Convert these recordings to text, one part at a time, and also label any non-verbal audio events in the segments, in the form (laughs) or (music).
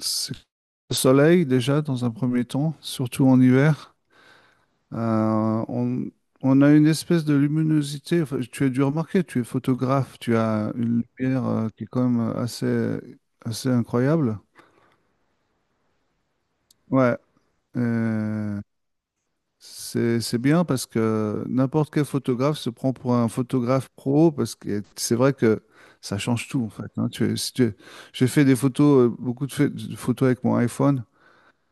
C'est le soleil déjà dans un premier temps, surtout en hiver. Euh, on, on a une espèce de luminosité. Enfin, tu as dû remarquer, tu es photographe, tu as une lumière qui est quand même assez incroyable. Ouais, euh, c'est bien parce que n'importe quel photographe se prend pour un photographe pro parce que c'est vrai que ça change tout, en fait, hein. Tu, si tu- J'ai fait des photos, beaucoup de photos avec mon iPhone.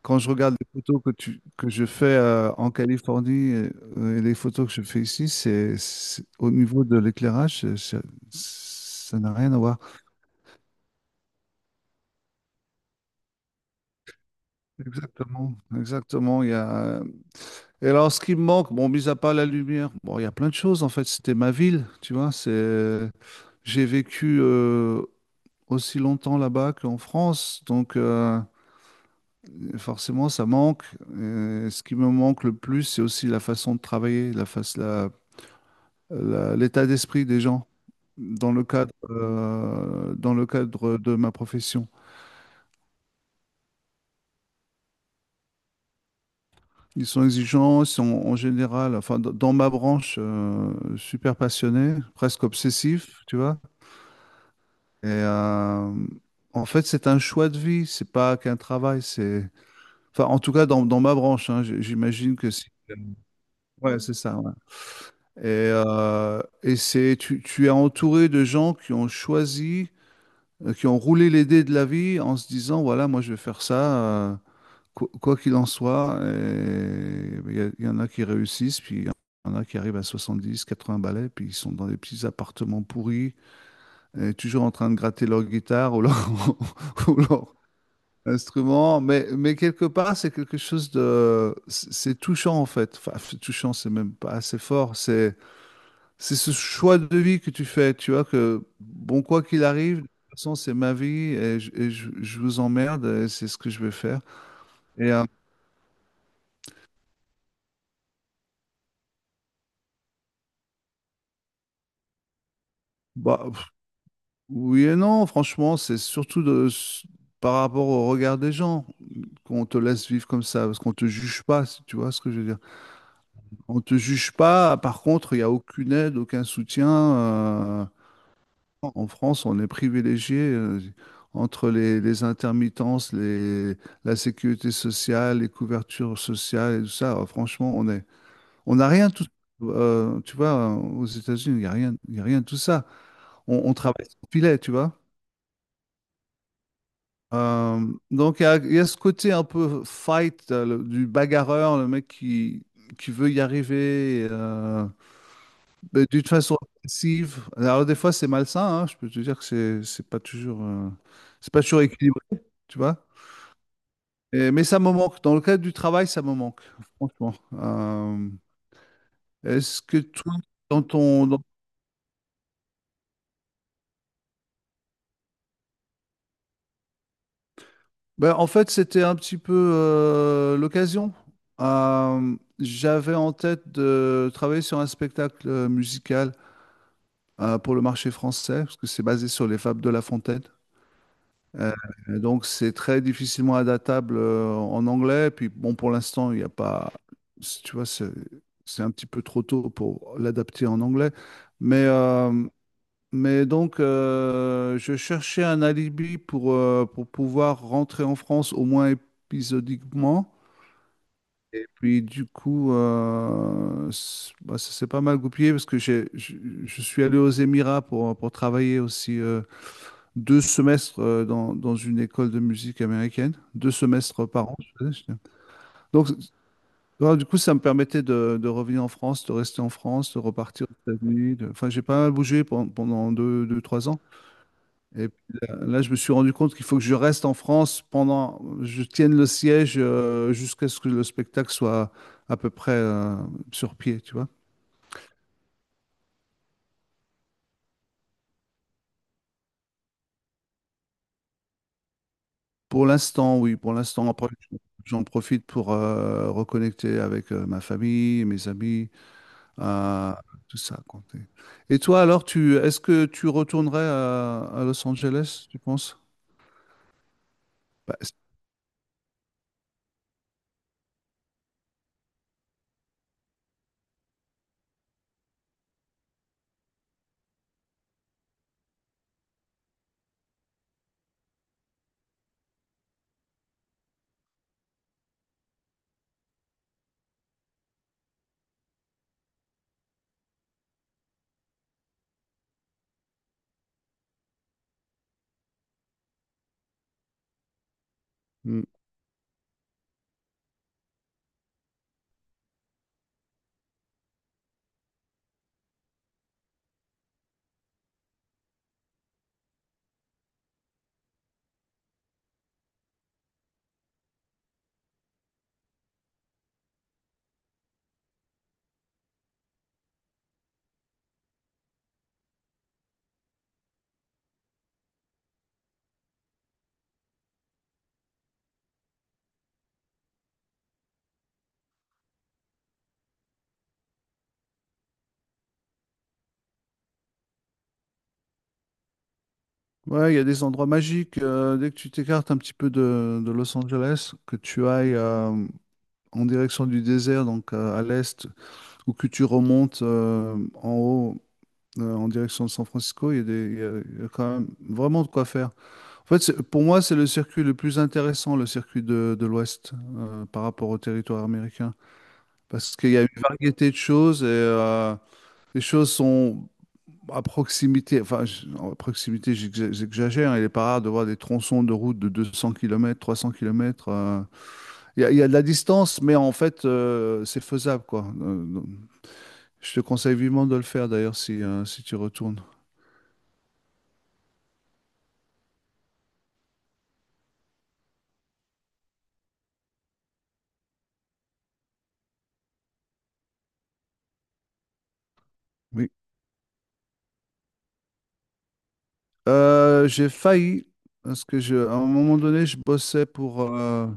Quand je regarde les photos que je fais en Californie et les photos que je fais ici, au niveau de l'éclairage, ça n'a rien à voir. Exactement, exactement. Et alors, ce qui me manque, bon, mis à part la lumière, bon, il y a plein de choses en fait. C'était ma ville, tu vois. J'ai vécu aussi longtemps là-bas qu'en France, donc forcément, ça manque. Ce qui me manque le plus, c'est aussi la façon de travailler, la face, la la- l'état d'esprit des gens dans le cadre de ma profession. Ils sont exigeants, ils sont en général, enfin, dans ma branche, super passionnés, presque obsessifs, tu vois. Et en fait, c'est un choix de vie, c'est pas qu'un travail, c'est. Enfin, en tout cas, dans ma branche, hein, j'imagine que si. Ouais, c'est ça, ouais. Et tu es entouré de gens qui ont choisi, qui ont roulé les dés de la vie en se disant, voilà, moi je vais faire ça. euh, quoi qu'il en soit, il y en a qui réussissent, puis il y en a qui arrivent à 70 80 ballets, puis ils sont dans des petits appartements pourris, toujours en train de gratter leur guitare ou leur, (laughs) ou leur instrument. Mais quelque part, c'est quelque chose de... C'est touchant, en fait. Enfin, c'est touchant, c'est même pas assez fort. C'est ce choix de vie que tu fais, tu vois, que, bon, quoi qu'il arrive, de toute façon, c'est ma vie, je vous emmerde, et c'est ce que je vais faire. Et, bah, oui et non, franchement, c'est surtout par rapport au regard des gens qu'on te laisse vivre comme ça, parce qu'on te juge pas, si tu vois ce que je veux dire. On te juge pas, par contre, il n'y a aucune aide, aucun soutien. En France, on est privilégié entre les intermittences, la sécurité sociale, les couvertures sociales et tout ça. Franchement, on est, on n'a rien tout, tu vois, aux États-Unis, il n'y a rien, il y a rien de tout ça. On travaille sans filet, tu vois. Euh, donc, il y a ce côté un peu fight, du bagarreur, le mec qui veut y arriver, mais d'une façon agressive. Alors, des fois, c'est malsain, hein, je peux te dire que c'est pas toujours, c'est pas toujours équilibré, tu vois. Mais ça me manque. Dans le cadre du travail, ça me manque, franchement. Euh, Est-ce que toi, dans ton, dans ben, en fait, c'était un petit peu l'occasion. J'avais en tête de travailler sur un spectacle musical pour le marché français, parce que c'est basé sur les fables de La Fontaine. Euh, et donc, c'est très difficilement adaptable en anglais. Puis, bon, pour l'instant, il n'y a pas. Tu vois, c'est un petit peu trop tôt pour l'adapter en anglais. Mais. euh, mais donc, je cherchais un alibi pour pouvoir rentrer en France au moins épisodiquement. Et puis, du coup, bah, ça s'est pas mal goupillé parce que je suis allé aux Émirats pour travailler aussi deux semestres dans une école de musique américaine. Deux semestres par an. Donc, voilà, du coup, ça me permettait de revenir en France, de rester en France, de repartir aux États-Unis. Enfin, j'ai pas mal bougé pendant deux, trois ans. Et puis là, là, je me suis rendu compte qu'il faut que je reste en France pendant, je tienne le siège jusqu'à ce que le spectacle soit à peu près sur pied, tu vois. Pour l'instant, oui, pour l'instant, après, j'en profite pour reconnecter avec ma famille, mes amis, euh, tout ça, quoi. Et toi, alors, est-ce que tu retournerais à Los Angeles, tu penses? Bah. Hmm. Ouais, il y a des endroits magiques. Dès que tu t'écartes un petit peu de Los Angeles, que tu ailles en direction du désert, donc à l'est, ou que tu remontes en haut en direction de San Francisco, il y a des, il y a quand même vraiment de quoi faire. En fait, pour moi, c'est le circuit le plus intéressant, le circuit de l'Ouest, par rapport au territoire américain, parce qu'il y a une variété de choses et les choses sont à proximité, enfin, à proximité, j'exagère, hein, il est pas rare de voir des tronçons de route de 200 km, 300 km. Il y a de la distance, mais en fait, c'est faisable, quoi. Donc, je te conseille vivement de le faire, d'ailleurs, si tu retournes. Oui. J'ai failli, parce que à un moment donné, je bossais pour,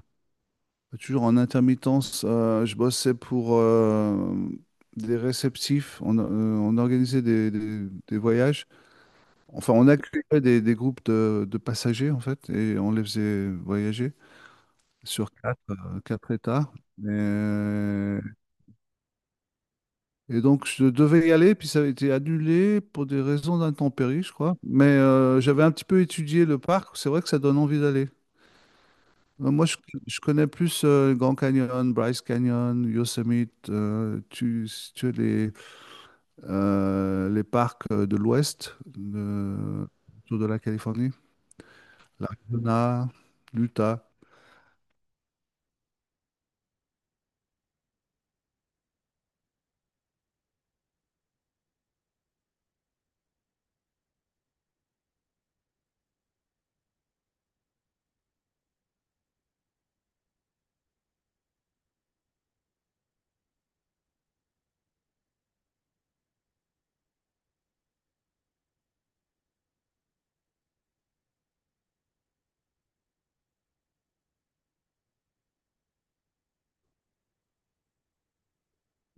toujours en intermittence, je bossais pour des réceptifs. On organisait des voyages. Enfin, on accueillait des groupes de passagers, en fait, et on les faisait voyager sur quatre États. Et Et donc, je devais y aller, puis ça a été annulé pour des raisons d'intempéries, je crois. Mais j'avais un petit peu étudié le parc. C'est vrai que ça donne envie d'aller. Moi, je connais plus Grand Canyon, Bryce Canyon, Yosemite, si tu as les parcs de l'Ouest, autour de la Californie, l'Arizona, l'Utah.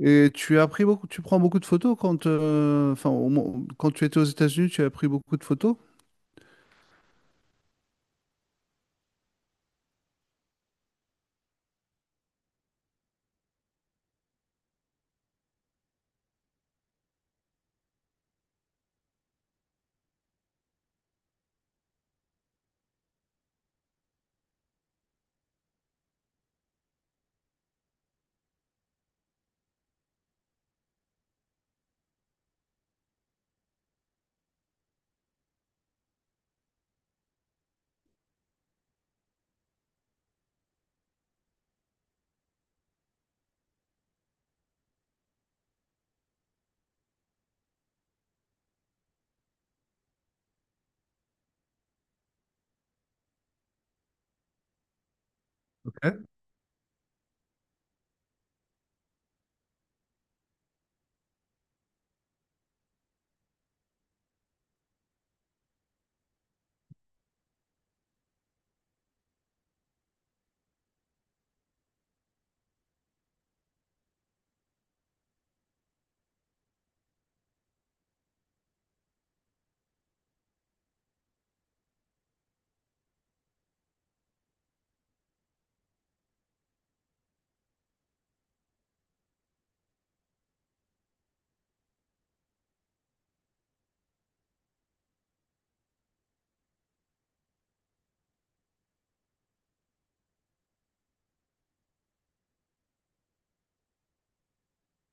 Et tu as pris beaucoup, tu prends beaucoup de photos quand, enfin, quand tu étais aux États-Unis, tu as pris beaucoup de photos.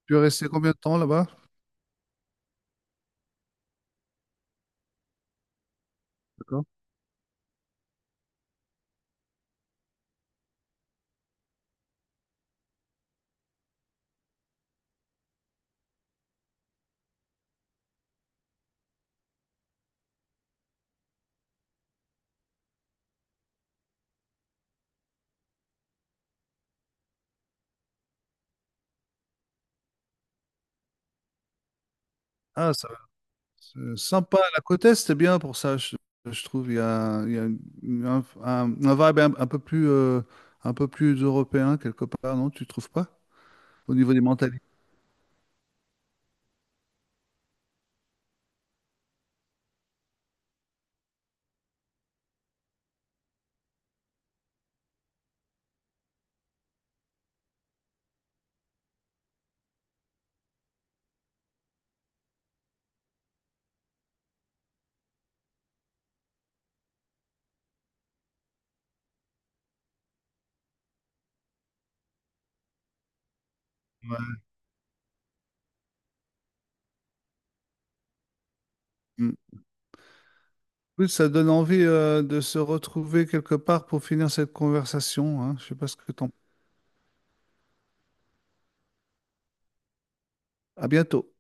Tu es resté combien de temps là-bas? D'accord. Ah. Sympa, la côte Est, c'est bien pour ça, je trouve. Il y a un vibe un peu plus européen, quelque part, non? Tu trouves pas? Au niveau des mentalités. Ouais. Mm. Oui, ça donne envie de se retrouver quelque part pour finir cette conversation, hein. Je sais pas ce que t'en... À bientôt.